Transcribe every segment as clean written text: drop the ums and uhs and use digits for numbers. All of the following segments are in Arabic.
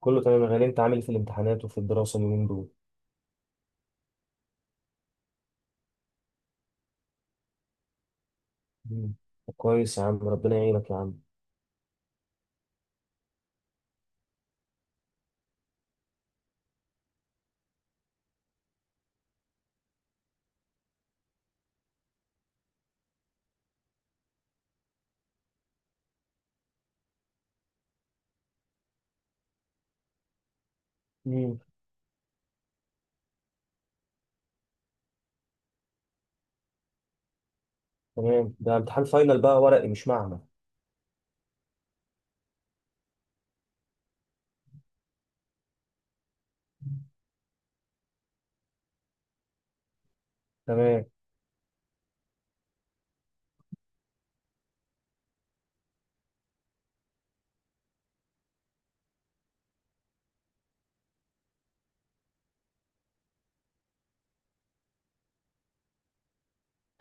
كله تمام يا غالي، انت عامل ايه في الامتحانات وفي الدراسة اليومين دول؟ مم. طب كويس يا عم، ربنا يعينك يا عم. مم. تمام. ده امتحان فاينل بقى ورقي مش معمل؟ تمام.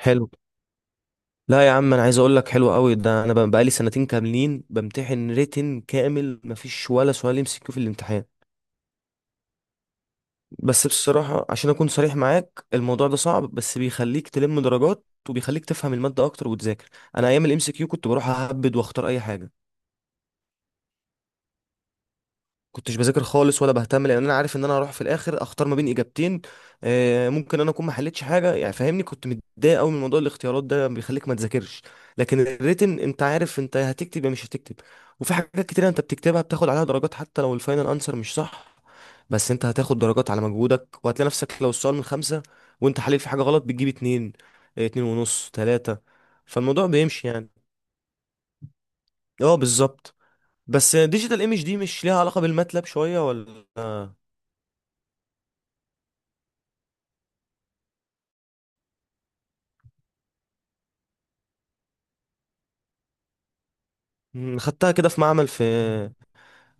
حلو. لا يا عم، انا عايز اقول لك حلو قوي ده. انا بقالي سنتين كاملين بمتحن ريتن كامل مفيش ولا سؤال يمسكه في الامتحان. بس بصراحة عشان اكون صريح معاك، الموضوع ده صعب بس بيخليك تلم درجات وبيخليك تفهم المادة اكتر وتذاكر. انا ايام الام سي كيو كنت بروح اهبد واختار اي حاجة. كنتش بذاكر خالص ولا بهتم، لان انا عارف ان انا هروح في الاخر اختار ما بين اجابتين. ممكن انا اكون ما حلتش حاجه يعني، فاهمني؟ كنت متضايق قوي من موضوع الاختيارات ده بيخليك ما تذاكرش. لكن الريتن، انت عارف انت هتكتب يا مش هتكتب. وفي حاجات كتير انت بتكتبها بتاخد عليها درجات حتى لو الفاينل انسر مش صح. بس انت هتاخد درجات على مجهودك، وهتلاقي نفسك لو السؤال من خمسة وانت حليت في حاجه غلط بتجيب اتنين، اتنين ونص تلاته. فالموضوع بيمشي يعني. اه، بالظبط. بس ديجيتال ايمج دي مش ليها علاقه بالماتلاب شويه ولا؟ مم، خدتها كده في معمل. في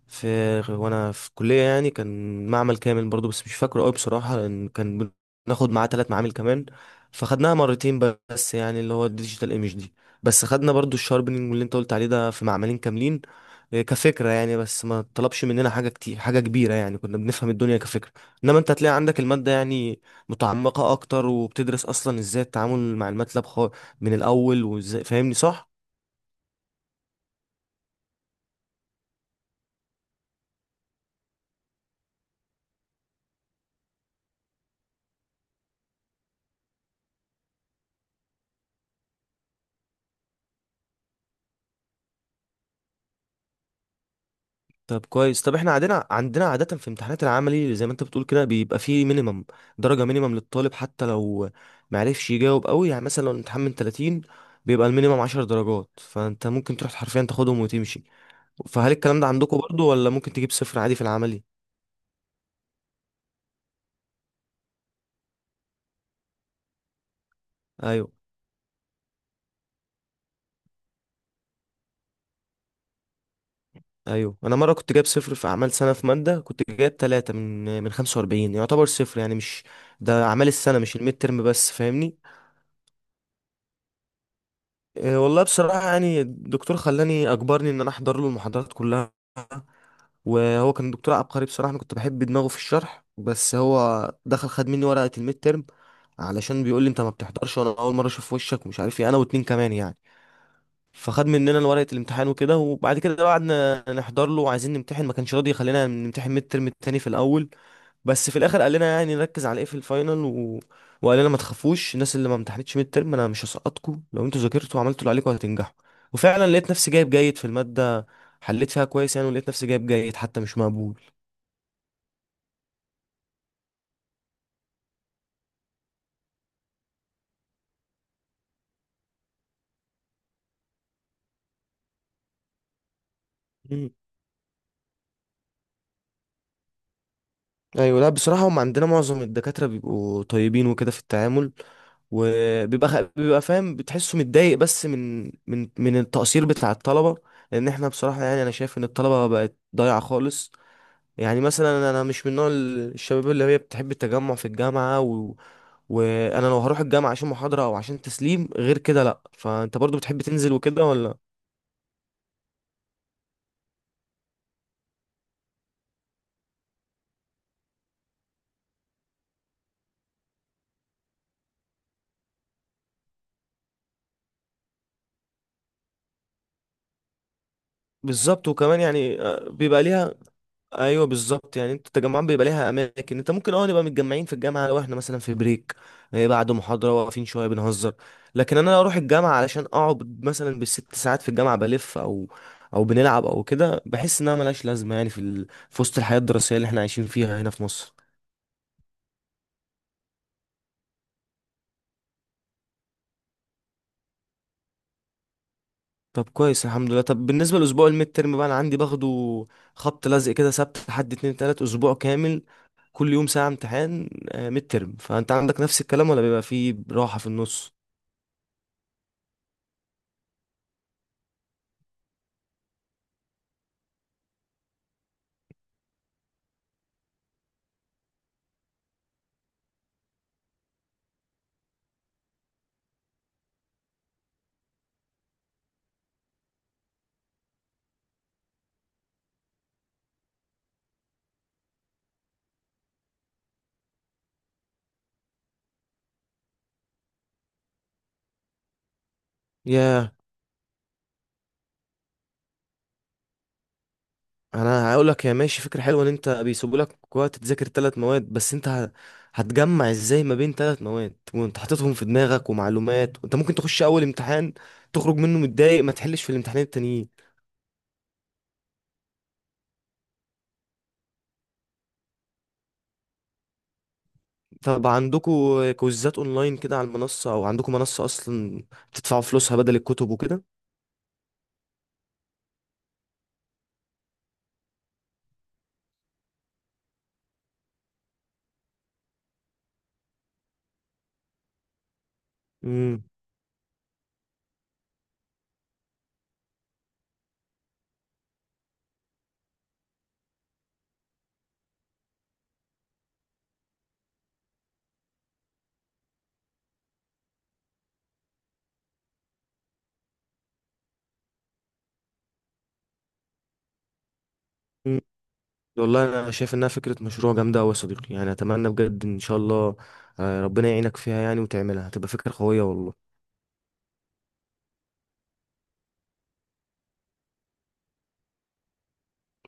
في وانا في كلية يعني كان معمل كامل برضو بس مش فاكره قوي بصراحة لان كان بناخد معاه ثلاث معامل كمان، فخدناها مرتين. بس يعني اللي هو الديجيتال ايمج دي، بس خدنا برضو الشاربنينج واللي انت قلت عليه ده في معملين كاملين. كفكرة يعني، بس ما طلبش مننا حاجة كتير حاجة كبيرة يعني كنا بنفهم الدنيا كفكرة. انما انت هتلاقي عندك المادة يعني متعمقة اكتر وبتدرس اصلا ازاي التعامل مع الماتلاب من الاول وازاي، فاهمني صح؟ طب كويس. طب احنا عندنا عادة في امتحانات العملي، زي ما انت بتقول كده، بيبقى فيه مينيمم درجة، مينيمم للطالب حتى لو معرفش يجاوب قوي. يعني مثلا لو الامتحان من 30، بيبقى المينيمم 10 درجات، فانت ممكن تروح حرفيا تاخدهم وتمشي. فهل الكلام ده عندكم برضو، ولا ممكن تجيب صفر عادي في العملي؟ ايوه، ايوه. انا مرة كنت جايب صفر في اعمال سنة في مادة، كنت جايب 3 من 45. يعتبر صفر يعني، مش ده اعمال السنة مش الميد ترم بس، فاهمني؟ إيه والله بصراحة يعني الدكتور خلاني، أجبرني إن أنا أحضر له المحاضرات كلها. وهو كان دكتور عبقري بصراحة، أنا كنت بحب دماغه في الشرح. بس هو دخل خد مني ورقة الميد ترم علشان بيقول لي أنت ما بتحضرش، وأنا أول مرة أشوف وشك ومش عارف إيه، أنا واتنين كمان يعني. فخد مننا ورقة الامتحان وكده. وبعد كده بقى قعدنا نحضر له وعايزين نمتحن، ما كانش راضي يخلينا نمتحن ميد ترم التاني في الأول. بس في الآخر قال لنا يعني نركز على إيه في الفاينل وقال لنا ما تخافوش. الناس اللي ما امتحنتش ميد ترم أنا مش هسقطكم، لو أنتوا ذاكرتوا وعملتوا اللي عليكم هتنجحوا. وفعلا لقيت نفسي جايب جيد في المادة. حليت فيها كويس يعني، ولقيت نفسي جايب جيد حتى، مش مقبول. مم. ايوه. لا بصراحه، هم عندنا معظم الدكاتره بيبقوا طيبين وكده في التعامل، وبيبقى بيبقى فاهم بتحسه متضايق بس من التقصير بتاع الطلبه. لان احنا بصراحه يعني، انا شايف ان الطلبه بقت ضايعه خالص. يعني مثلا انا مش من نوع الشباب اللي هي بتحب التجمع في الجامعه وانا لو هروح الجامعه عشان محاضره او عشان تسليم غير كده لا. فانت برضو بتحب تنزل وكده ولا؟ بالظبط. وكمان يعني بيبقى ليها. ايوه بالظبط. يعني انت التجمعات بيبقى ليها اماكن، انت ممكن اه نبقى متجمعين في الجامعه لو احنا مثلا في بريك، إيه، بعد محاضره واقفين شويه بنهزر. لكن انا لو اروح الجامعه علشان اقعد مثلا بال6 ساعات في الجامعه بلف او او بنلعب او كده، بحس انها ملهاش لازمه يعني في في وسط الحياه الدراسيه اللي احنا عايشين فيها هنا في مصر. طب كويس الحمد لله. طب بالنسبه لاسبوع الميد ترم بقى، انا عندي باخده خبط لزق كده، سبت لحد اتنين تلات اسبوع كامل، كل يوم ساعه امتحان ميد ترم. فانت عندك نفس الكلام ولا بيبقى فيه راحه في النص؟ ياه. انا هقول لك يا ماشي، فكره حلوه ان انت بيسيبوا لك وقت تذاكر ثلاث مواد، بس انت هتجمع ازاي ما بين ثلاث مواد وانت حاططهم في دماغك ومعلومات، وانت ممكن تخش اول امتحان تخرج منه متضايق ما تحلش في الامتحانين التانيين. طب عندكم كويزات اونلاين كده على المنصه، او عندكم منصه اصلا بتدفعوا فلوسها بدل الكتب وكده؟ امم والله انا شايف انها فكره مشروع جامده قوي يا صديقي، يعني اتمنى بجد ان شاء الله. ربنا يعينك فيها يعني، وتعملها هتبقى فكره قويه والله.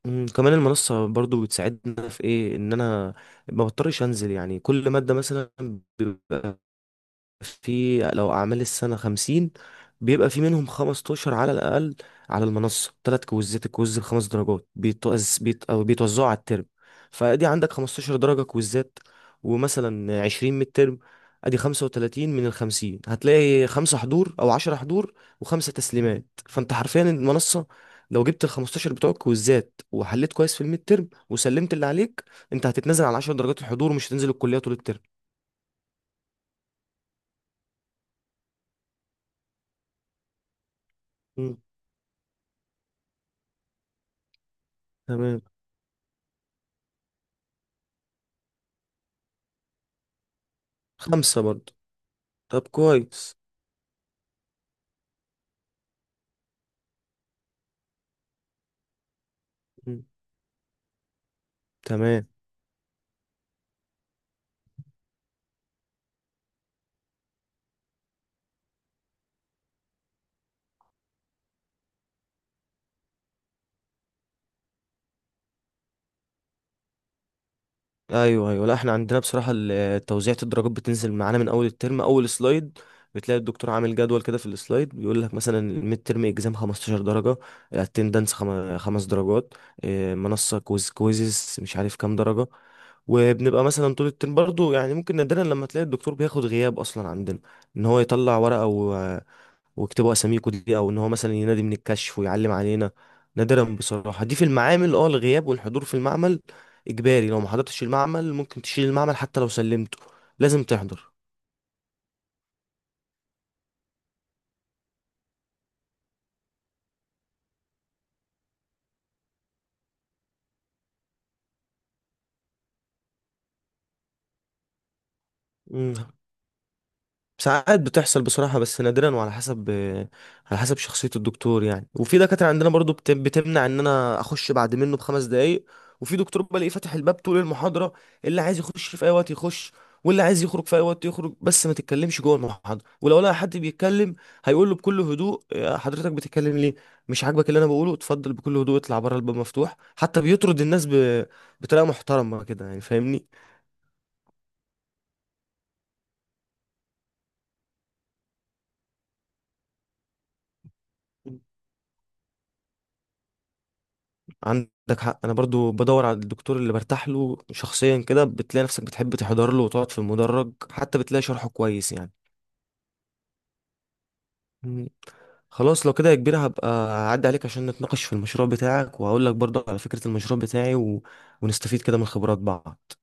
كمان المنصة برضو بتساعدنا في ايه؟ ان انا ما بضطرش انزل يعني كل مادة مثلا في، لو أعمال السنة 50، بيبقى في منهم 15 على الأقل على المنصة. تلات كويزات الكويز بخمس درجات أو بيتوزعوا على الترم. فأدي عندك 15 درجة كويزات، ومثلا 20 من الترم، أدي 35 من ال50. هتلاقي خمسة حضور أو 10 حضور وخمسة تسليمات. فأنت حرفيا المنصة، لو جبت ال15 بتوع الكويزات وحليت كويس في الميد ترم وسلمت اللي عليك، أنت هتتنزل على 10 درجات الحضور، ومش هتنزل الكلية طول الترم. مم. تمام. خمسة برضه. طب كويس. مم. تمام. ايوه، ايوه. لا احنا عندنا بصراحه توزيعة الدرجات بتنزل معانا من اول الترم، اول سلايد بتلاقي الدكتور عامل جدول كده في السلايد، بيقول لك مثلا الميد ترم اكزام 15 درجه، اتندنس خمس درجات، إيه، منصه كويز كويزز مش عارف كام درجه. وبنبقى مثلا طول الترم برضو يعني، ممكن نادرا لما تلاقي الدكتور بياخد غياب اصلا عندنا، ان هو يطلع ورقه ويكتبوا اساميكوا دي، او ان هو مثلا ينادي من الكشف ويعلم علينا. نادرا بصراحه. دي في المعامل، اه، الغياب والحضور في المعمل اجباري. لو ما حضرتش المعمل ممكن تشيل المعمل، حتى لو سلمته لازم تحضر. مم. ساعات بتحصل بصراحة بس نادرا، وعلى حسب على حسب شخصية الدكتور يعني. وفي دكاترة عندنا برضو بتمنع ان انا اخش بعد منه ب5 دقايق. وفي دكتور بلاقيه فاتح الباب طول المحاضرة، اللي عايز يخش في اي وقت يخش، واللي عايز يخرج في اي وقت يخرج. بس ما تتكلمش جوه المحاضرة، ولو لقى حد بيتكلم هيقول له بكل هدوء: "يا حضرتك بتتكلم ليه؟ مش عاجبك اللي انا بقوله؟ اتفضل بكل هدوء اطلع بره، الباب مفتوح." حتى بيطرد الناس بطريقة محترمة كده يعني، فاهمني؟ عندك حق. انا برضو بدور على الدكتور اللي برتاح له شخصيا كده، بتلاقي نفسك بتحب تحضر له وتقعد في المدرج، حتى بتلاقي شرحه كويس يعني. مم. خلاص لو كده يا كبير، هبقى اعدي عليك عشان نتناقش في المشروع بتاعك وهقول لك برضو على فكرة المشروع بتاعي ونستفيد كده من خبرات بعض.